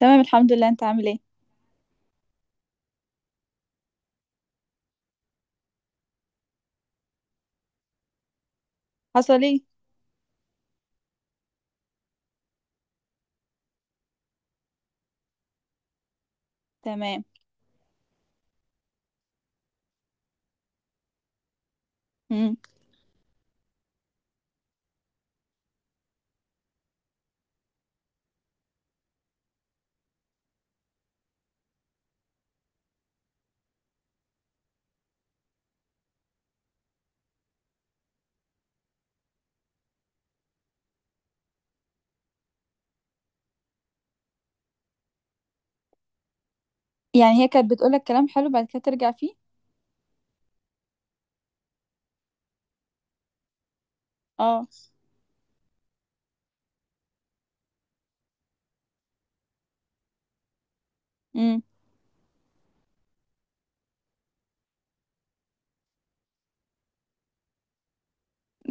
تمام، الحمد لله. انت عامل ايه؟ حصل ايه؟ تمام. امم يعني هي كانت بتقولك كلام حلو بعد كده ترجع فيه؟ اه. امم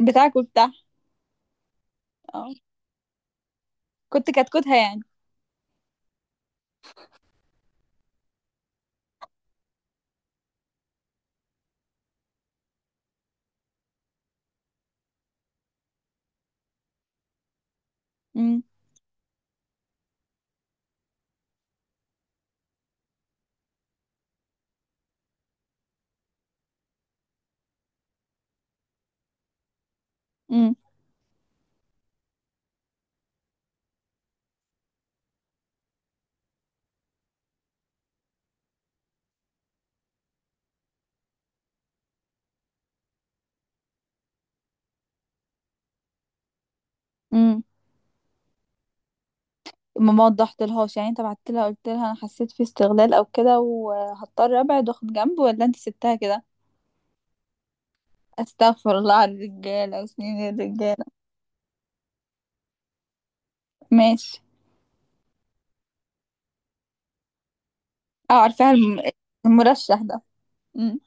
بتاعك وبتاع؟ اه. كنت كتكوتها يعني؟ امم امم امم ما وضحتلهاش، يعني انت بعت لها قلت لها انا حسيت في استغلال او كده وهضطر ابعد واخد جنب، ولا انت سبتها كده؟ استغفر الله على الرجاله وسنين الرجاله! ماشي. اه، عارفاها المرشح ده. امم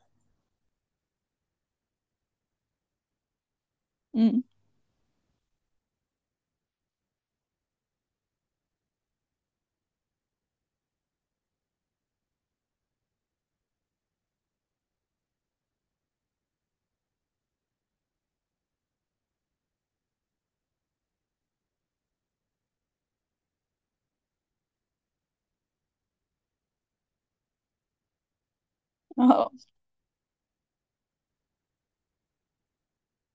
امم اه.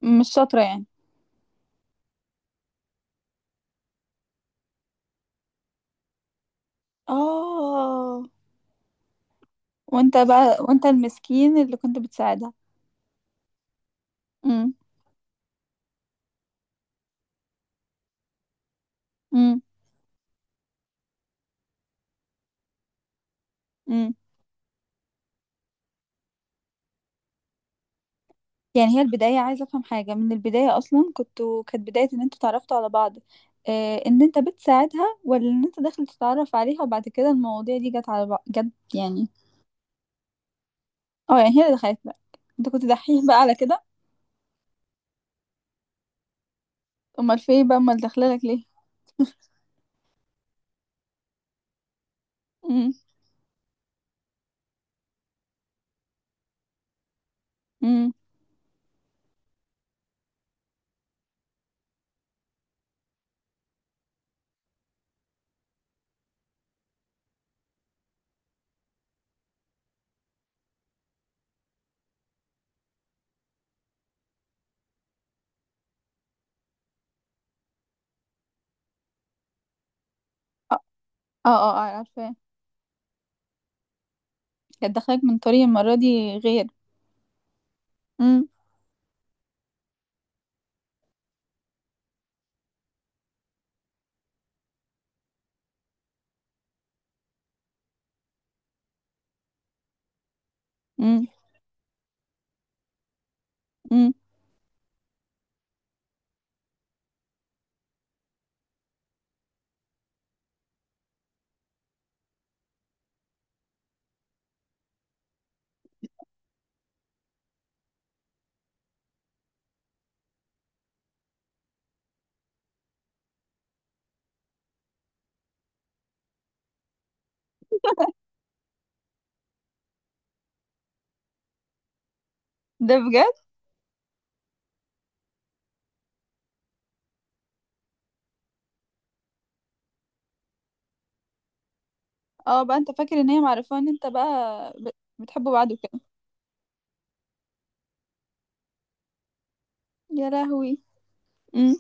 مش شاطره يعني. اه. وانت بقى، وانت المسكين اللي كنت بتساعدها. امم امم امم يعني هي البداية، عايزة افهم حاجة. من البداية اصلا كنتوا، كانت بداية ان انتوا تعرفتوا على بعض، اه، ان انت بتساعدها ولا ان انت داخل تتعرف عليها، وبعد كده المواضيع دي جت على بعض جت يعني؟ اه، يعني هي اللي دخلت لك. انت كنت دحيح بقى على كده؟ امال في ايه بقى؟ امال داخله لك ليه؟ امم امم اه، اه، اه، عارفة. كانت داخلك من طريق المرة دي غير؟ امم امم امم ده بجد؟ اه، بقى انت فاكر ان هي معرفة ان انت بقى بتحبوا بعض وكده؟ يا لهوي! امم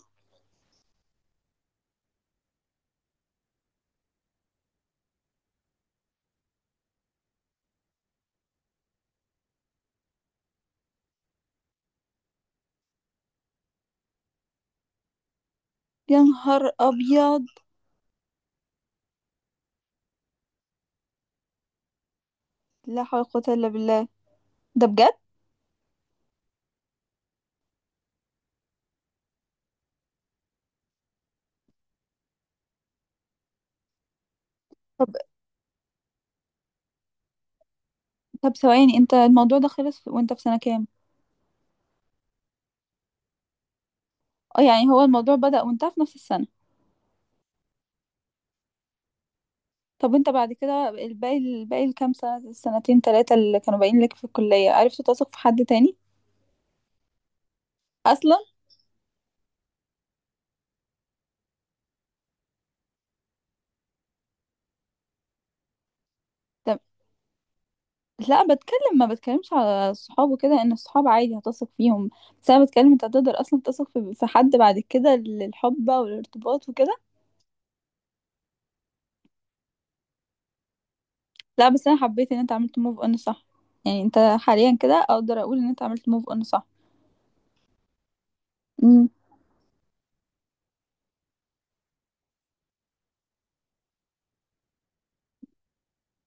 يا نهار ابيض! لا حول ولا قوة الا بالله. ده بجد؟ طب طب ثواني، انت الموضوع ده خلص وانت في سنة كام؟ اه، يعني هو الموضوع بدأ وانتهى في نفس السنة؟ طب انت بعد كده، الباقي الكام سنة، السنتين تلاتة اللي كانوا باقيين لك في الكلية، عرفت تثق في حد تاني؟ اصلا؟ لا، بتكلم، ما بتكلمش على الصحاب وكده، ان الصحاب عادي هتثق فيهم. بس انا بتكلم انت هتقدر اصلا تثق في حد بعد كده للحب بقى والارتباط وكده؟ لا، بس انا حبيت ان انت عملت موف اون، صح. يعني انت حاليا كده اقدر اقول ان انت عملت موف اون، صح؟ امم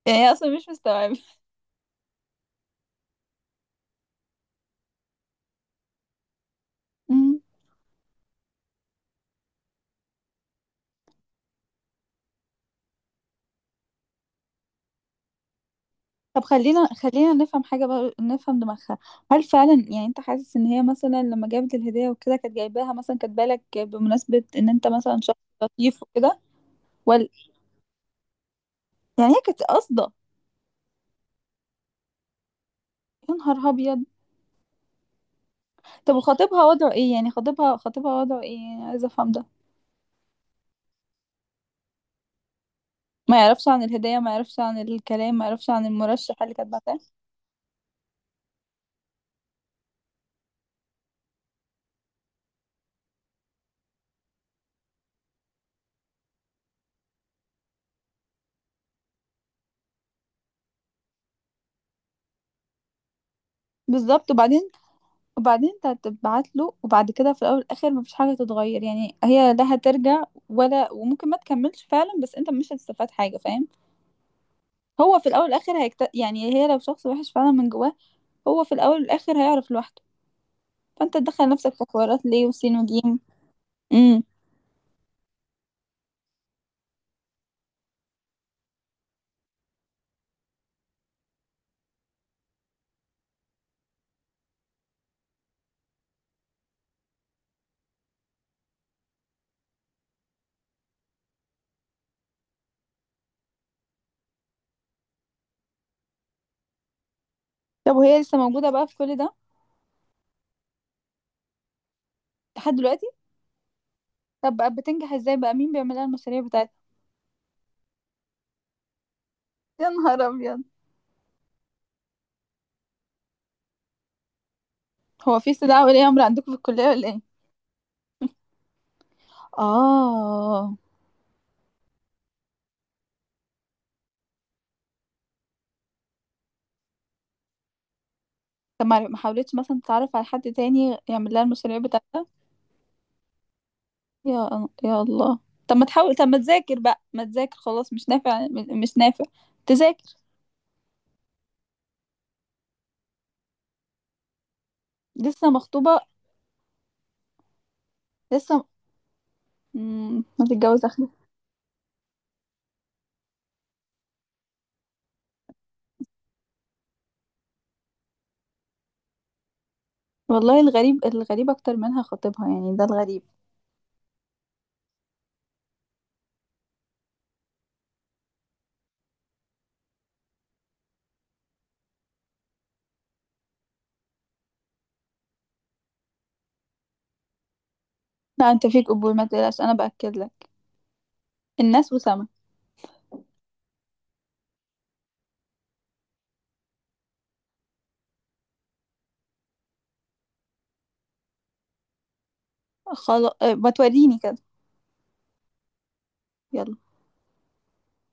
يعني هي اصلا مش مستوعبه. امم طب خلينا نفهم حاجه بقى، نفهم دماغها. هل فعلا يعني انت حاسس ان هي مثلا لما جابت الهديه وكده كانت جايباها مثلا كاتبه لك بمناسبه ان انت مثلا شخص لطيف وكده؟ ولا يعني هي كانت قاصده؟ يا نهار ابيض! طب خطيبها وضعه ايه؟ يعني خطيبها وضعه ايه؟ يعني عايزه افهم ده. ما يعرفش عن الهدية، ما يعرفش عن الكلام، ما يعرفش عن المرشح اللي كانت بعتها؟ بالظبط، وبعدين؟ وبعدين انت هتبعت له، وبعد كده في الاول والاخر ما فيش حاجة تتغير، يعني هي لا هترجع ولا، وممكن ما تكملش فعلا، بس انت مش هتستفاد حاجة، فاهم؟ هو في الاول والاخر يعني هي لو شخص وحش فعلا من جواه، هو في الاول والاخر هيعرف لوحده. فانت تدخل نفسك في حوارات ليه وسين وجيم؟ امم طب وهي لسه موجودة بقى في كل ده؟ لحد دلوقتي؟ طب بقى بتنجح ازاي بقى؟ مين بيعمل لها المشاريع بتاعتها؟ يا نهار ابيض! هو في استدعاء ولي امر عندكم في الكليه ولا ايه؟ اه. طب ما حاولتش مثلا تتعرف على حد تاني يعمل لها المشاريع بتاعتها؟ يا الله! طب ما تحاول، طب ما تذاكر بقى ما تذاكر، خلاص مش نافع مش نافع. تذاكر. لسه مخطوبه؟ لسه. ما تتجوز اخلي. والله، الغريب الغريب اكتر منها خطيبها، يعني ده الغريب. لا، انت فيك قبول، ما تقلقش، انا باكد لك. الناس وسامه. خلاص، ما توريني كده. يلا.